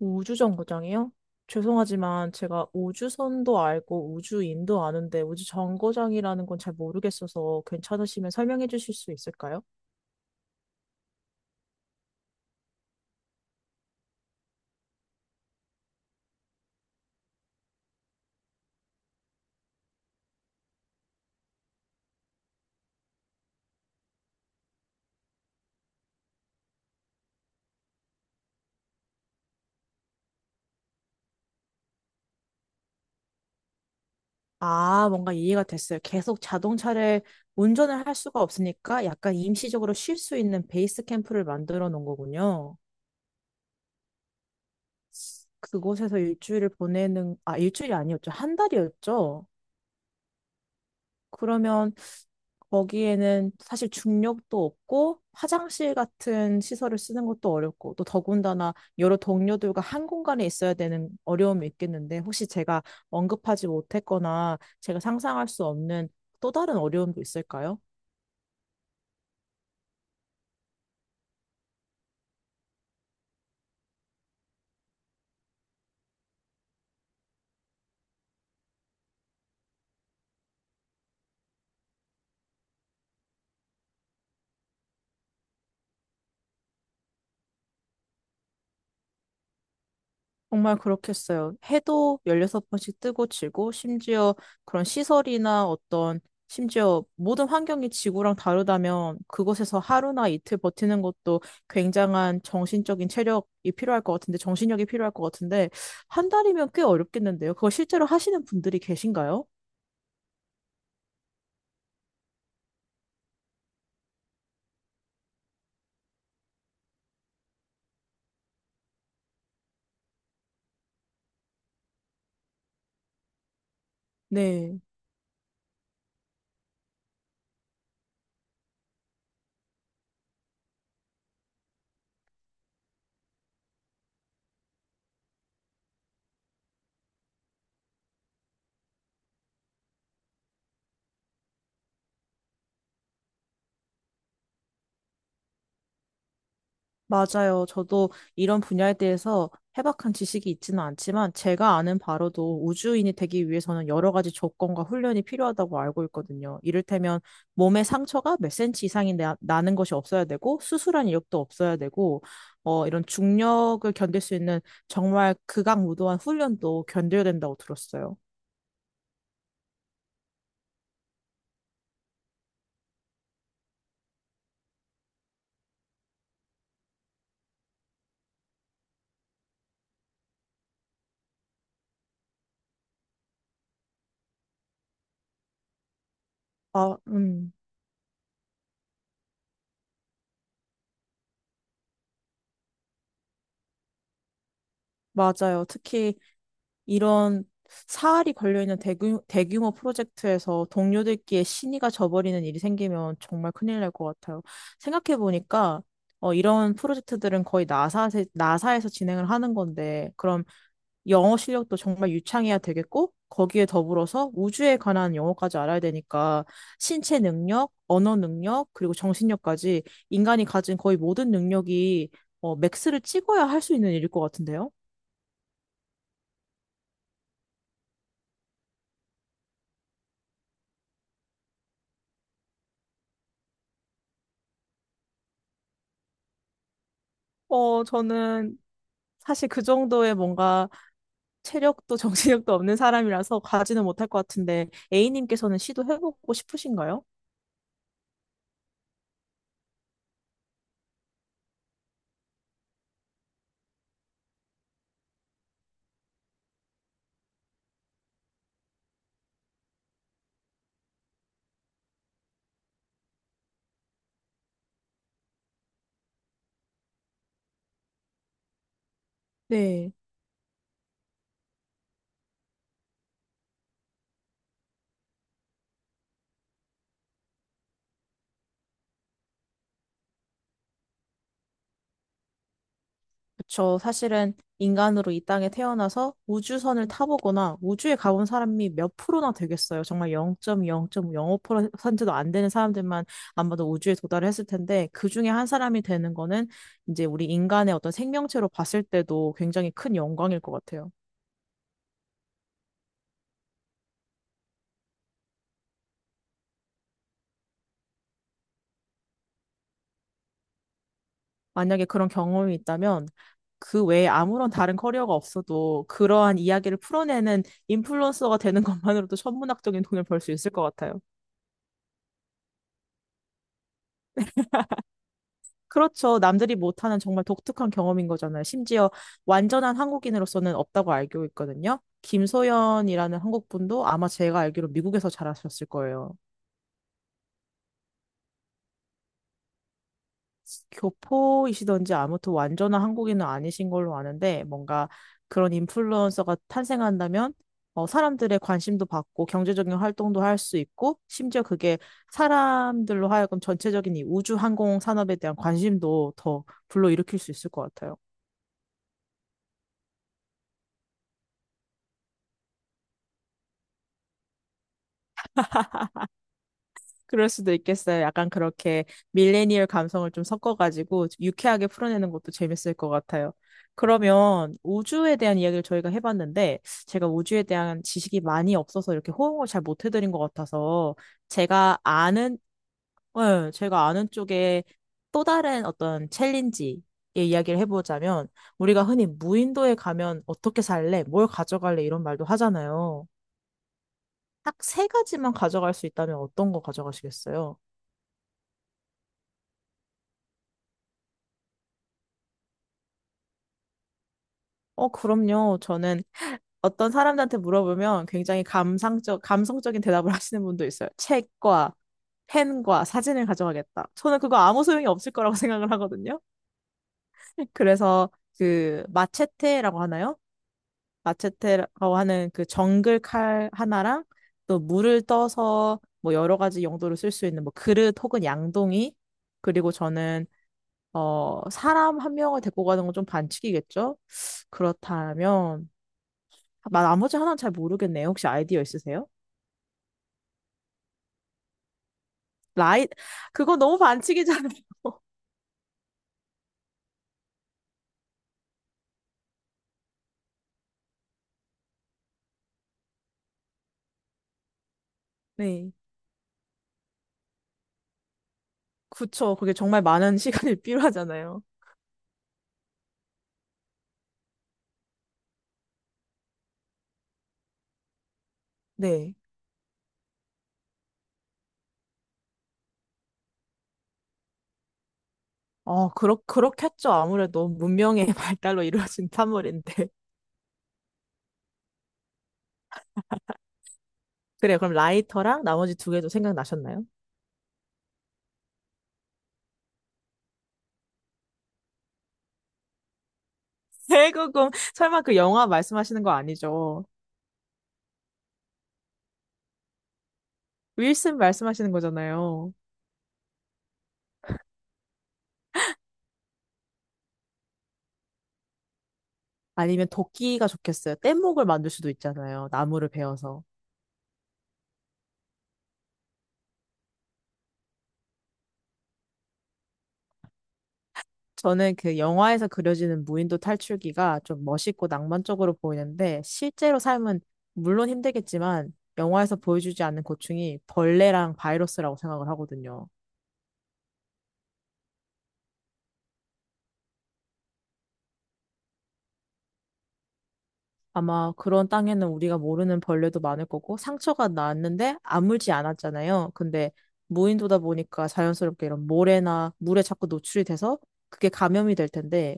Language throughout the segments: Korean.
우주정거장이요? 죄송하지만 제가 우주선도 알고 우주인도 아는데 우주정거장이라는 건 잘 모르겠어서 괜찮으시면 설명해 주실 수 있을까요? 아, 뭔가 이해가 됐어요. 계속 자동차를 운전을 할 수가 없으니까 약간 임시적으로 쉴 수 있는 베이스 캠프를 만들어 놓은 거군요. 그곳에서 일주일을 보내는, 아, 일주일이 아니었죠. 한 달이었죠. 그러면 거기에는 사실 중력도 없고 화장실 같은 시설을 쓰는 것도 어렵고 또 더군다나 여러 동료들과 한 공간에 있어야 되는 어려움이 있겠는데 혹시 제가 언급하지 못했거나 제가 상상할 수 없는 또 다른 어려움도 있을까요? 정말 그렇겠어요. 해도 16번씩 뜨고 지고, 심지어 그런 시설이나 어떤, 심지어 모든 환경이 지구랑 다르다면 그곳에서 하루나 이틀 버티는 것도 굉장한 정신적인 체력이 필요할 것 같은데, 정신력이 필요할 것 같은데, 한 달이면 꽤 어렵겠는데요. 그거 실제로 하시는 분들이 계신가요? 네. 맞아요. 저도 이런 분야에 대해서 해박한 지식이 있지는 않지만 제가 아는 바로도 우주인이 되기 위해서는 여러 가지 조건과 훈련이 필요하다고 알고 있거든요. 이를테면 몸에 상처가 몇 센치 이상이 나는 것이 없어야 되고 수술한 이력도 없어야 되고 이런 중력을 견딜 수 있는 정말 극악무도한 훈련도 견뎌야 된다고 들었어요. 아, 맞아요. 특히 이런 사활이 걸려있는 대규모 프로젝트에서 동료들끼리 신의가 져버리는 일이 생기면 정말 큰일 날 것 같아요. 생각해보니까 이런 프로젝트들은 거의 나사에서 진행을 하는 건데, 그럼 영어 실력도 정말 유창해야 되겠고, 거기에 더불어서 우주에 관한 영어까지 알아야 되니까, 신체 능력, 언어 능력, 그리고 정신력까지 인간이 가진 거의 모든 능력이 맥스를 찍어야 할 수 있는 일일 것 같은데요? 저는 사실 그 정도의 뭔가 체력도 정신력도 없는 사람이라서 가지는 못할 것 같은데 A님께서는 시도해보고 싶으신가요? 네, 그쵸. 사실은 인간으로 이 땅에 태어나서 우주선을 타보거나 우주에 가본 사람이 몇 프로나 되겠어요. 정말 0.0.05%도 안 되는 사람들만 아마도 우주에 도달을 했을 텐데 그 중에 한 사람이 되는 거는 이제 우리 인간의 어떤 생명체로 봤을 때도 굉장히 큰 영광일 것 같아요. 만약에 그런 경험이 있다면 그 외에 아무런 다른 커리어가 없어도 그러한 이야기를 풀어내는 인플루언서가 되는 것만으로도 천문학적인 돈을 벌 수 있을 것 같아요. 그렇죠. 남들이 못하는 정말 독특한 경험인 거잖아요. 심지어 완전한 한국인으로서는 없다고 알고 있거든요. 김소연이라는 한국분도 아마 제가 알기로 미국에서 잘하셨을 거예요. 교포이시던지 아무튼 완전한 한국인은 아니신 걸로 아는데 뭔가 그런 인플루언서가 탄생한다면 사람들의 관심도 받고 경제적인 활동도 할 수 있고 심지어 그게 사람들로 하여금 전체적인 이 우주 항공 산업에 대한 관심도 더 불러일으킬 수 있을 것 같아요. 그럴 수도 있겠어요. 약간 그렇게 밀레니얼 감성을 좀 섞어가지고 유쾌하게 풀어내는 것도 재밌을 것 같아요. 그러면 우주에 대한 이야기를 저희가 해봤는데 제가 우주에 대한 지식이 많이 없어서 이렇게 호응을 잘 못 해드린 것 같아서 제가 아는, 예, 제가 아는 쪽에 또 다른 어떤 챌린지의 이야기를 해보자면 우리가 흔히 무인도에 가면 어떻게 살래? 뭘 가져갈래? 이런 말도 하잖아요. 딱 세 가지만 가져갈 수 있다면 어떤 거 가져가시겠어요? 어, 그럼요. 저는 어떤 사람들한테 물어보면 굉장히 감성적인 대답을 하시는 분도 있어요. 책과 펜과 사진을 가져가겠다. 저는 그거 아무 소용이 없을 거라고 생각을 하거든요. 그래서 그 마체테라고 하나요? 마체테라고 하는 그 정글 칼 하나랑 또 물을 떠서 뭐 여러 가지 용도로 쓸 수 있는 뭐 그릇 혹은 양동이 그리고 저는 어 사람 한 명을 데리고 가는 건 좀 반칙이겠죠? 그렇다면 나머지 하나는 잘 모르겠네요. 혹시 아이디어 있으세요? 라이, 그거 너무 반칙이잖아요. 네. 그쵸. 그게 정말 많은 시간이 필요하잖아요. 네. 그렇겠죠. 아무래도 문명의 발달로 이루어진 산물인데. 그래, 그럼 라이터랑 나머지 두 개도 생각나셨나요? 결국은 설마 그 영화 말씀하시는 거 아니죠? 윌슨 말씀하시는 거잖아요. 아니면 도끼가 좋겠어요. 뗏목을 만들 수도 있잖아요. 나무를 베어서. 저는 그 영화에서 그려지는 무인도 탈출기가 좀 멋있고 낭만적으로 보이는데 실제로 삶은 물론 힘들겠지만 영화에서 보여주지 않는 고충이 벌레랑 바이러스라고 생각을 하거든요. 아마 그런 땅에는 우리가 모르는 벌레도 많을 거고 상처가 났는데 아물지 않았잖아요. 근데 무인도다 보니까 자연스럽게 이런 모래나 물에 자꾸 노출이 돼서 그게 감염이 될 텐데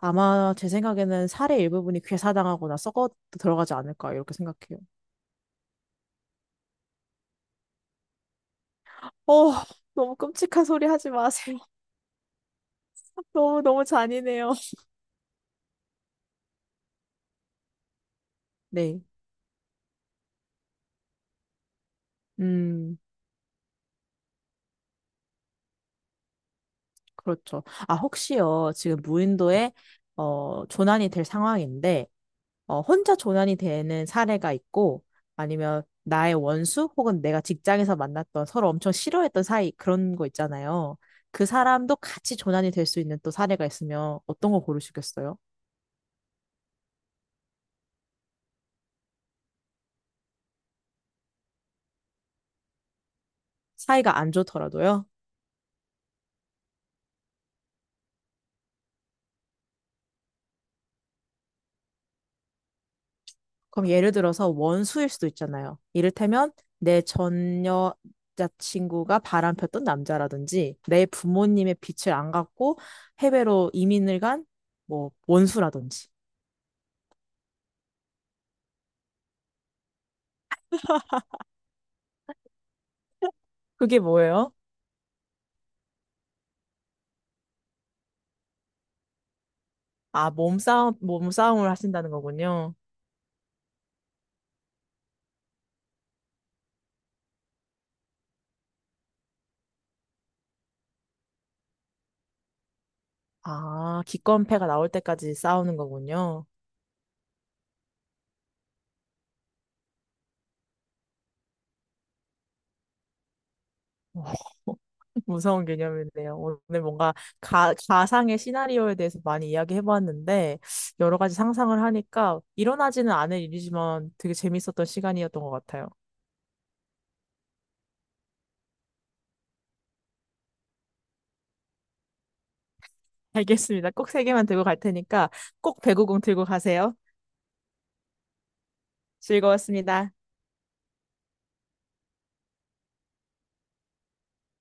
아마 제 생각에는 살의 일부분이 괴사당하거나 썩어 들어가지 않을까 이렇게 생각해요. 어, 너무 끔찍한 소리 하지 마세요. 너무 너무 잔인해요. 네. 음, 그렇죠. 아, 혹시요, 지금 무인도에, 어, 조난이 될 상황인데, 어, 혼자 조난이 되는 사례가 있고, 아니면 나의 원수, 혹은 내가 직장에서 만났던 서로 엄청 싫어했던 사이, 그런 거 있잖아요. 그 사람도 같이 조난이 될 수 있는 또 사례가 있으면 어떤 거 고르시겠어요? 사이가 안 좋더라도요? 그럼 예를 들어서 원수일 수도 있잖아요. 이를테면 내 전 여자친구가 바람폈던 남자라든지 내 부모님의 빛을 안 갖고 해외로 이민을 간 뭐 원수라든지. 그게 뭐예요? 아, 몸싸움을 하신다는 거군요. 아, 기권패가 나올 때까지 싸우는 거군요. 와, 무서운 개념이네요. 오늘 뭔가 가상의 시나리오에 대해서 많이 이야기해봤는데, 여러 가지 상상을 하니까 일어나지는 않을 일이지만 되게 재밌었던 시간이었던 것 같아요. 알겠습니다. 꼭 세 개만 들고 갈 테니까 꼭 배구공 들고 가세요. 즐거웠습니다.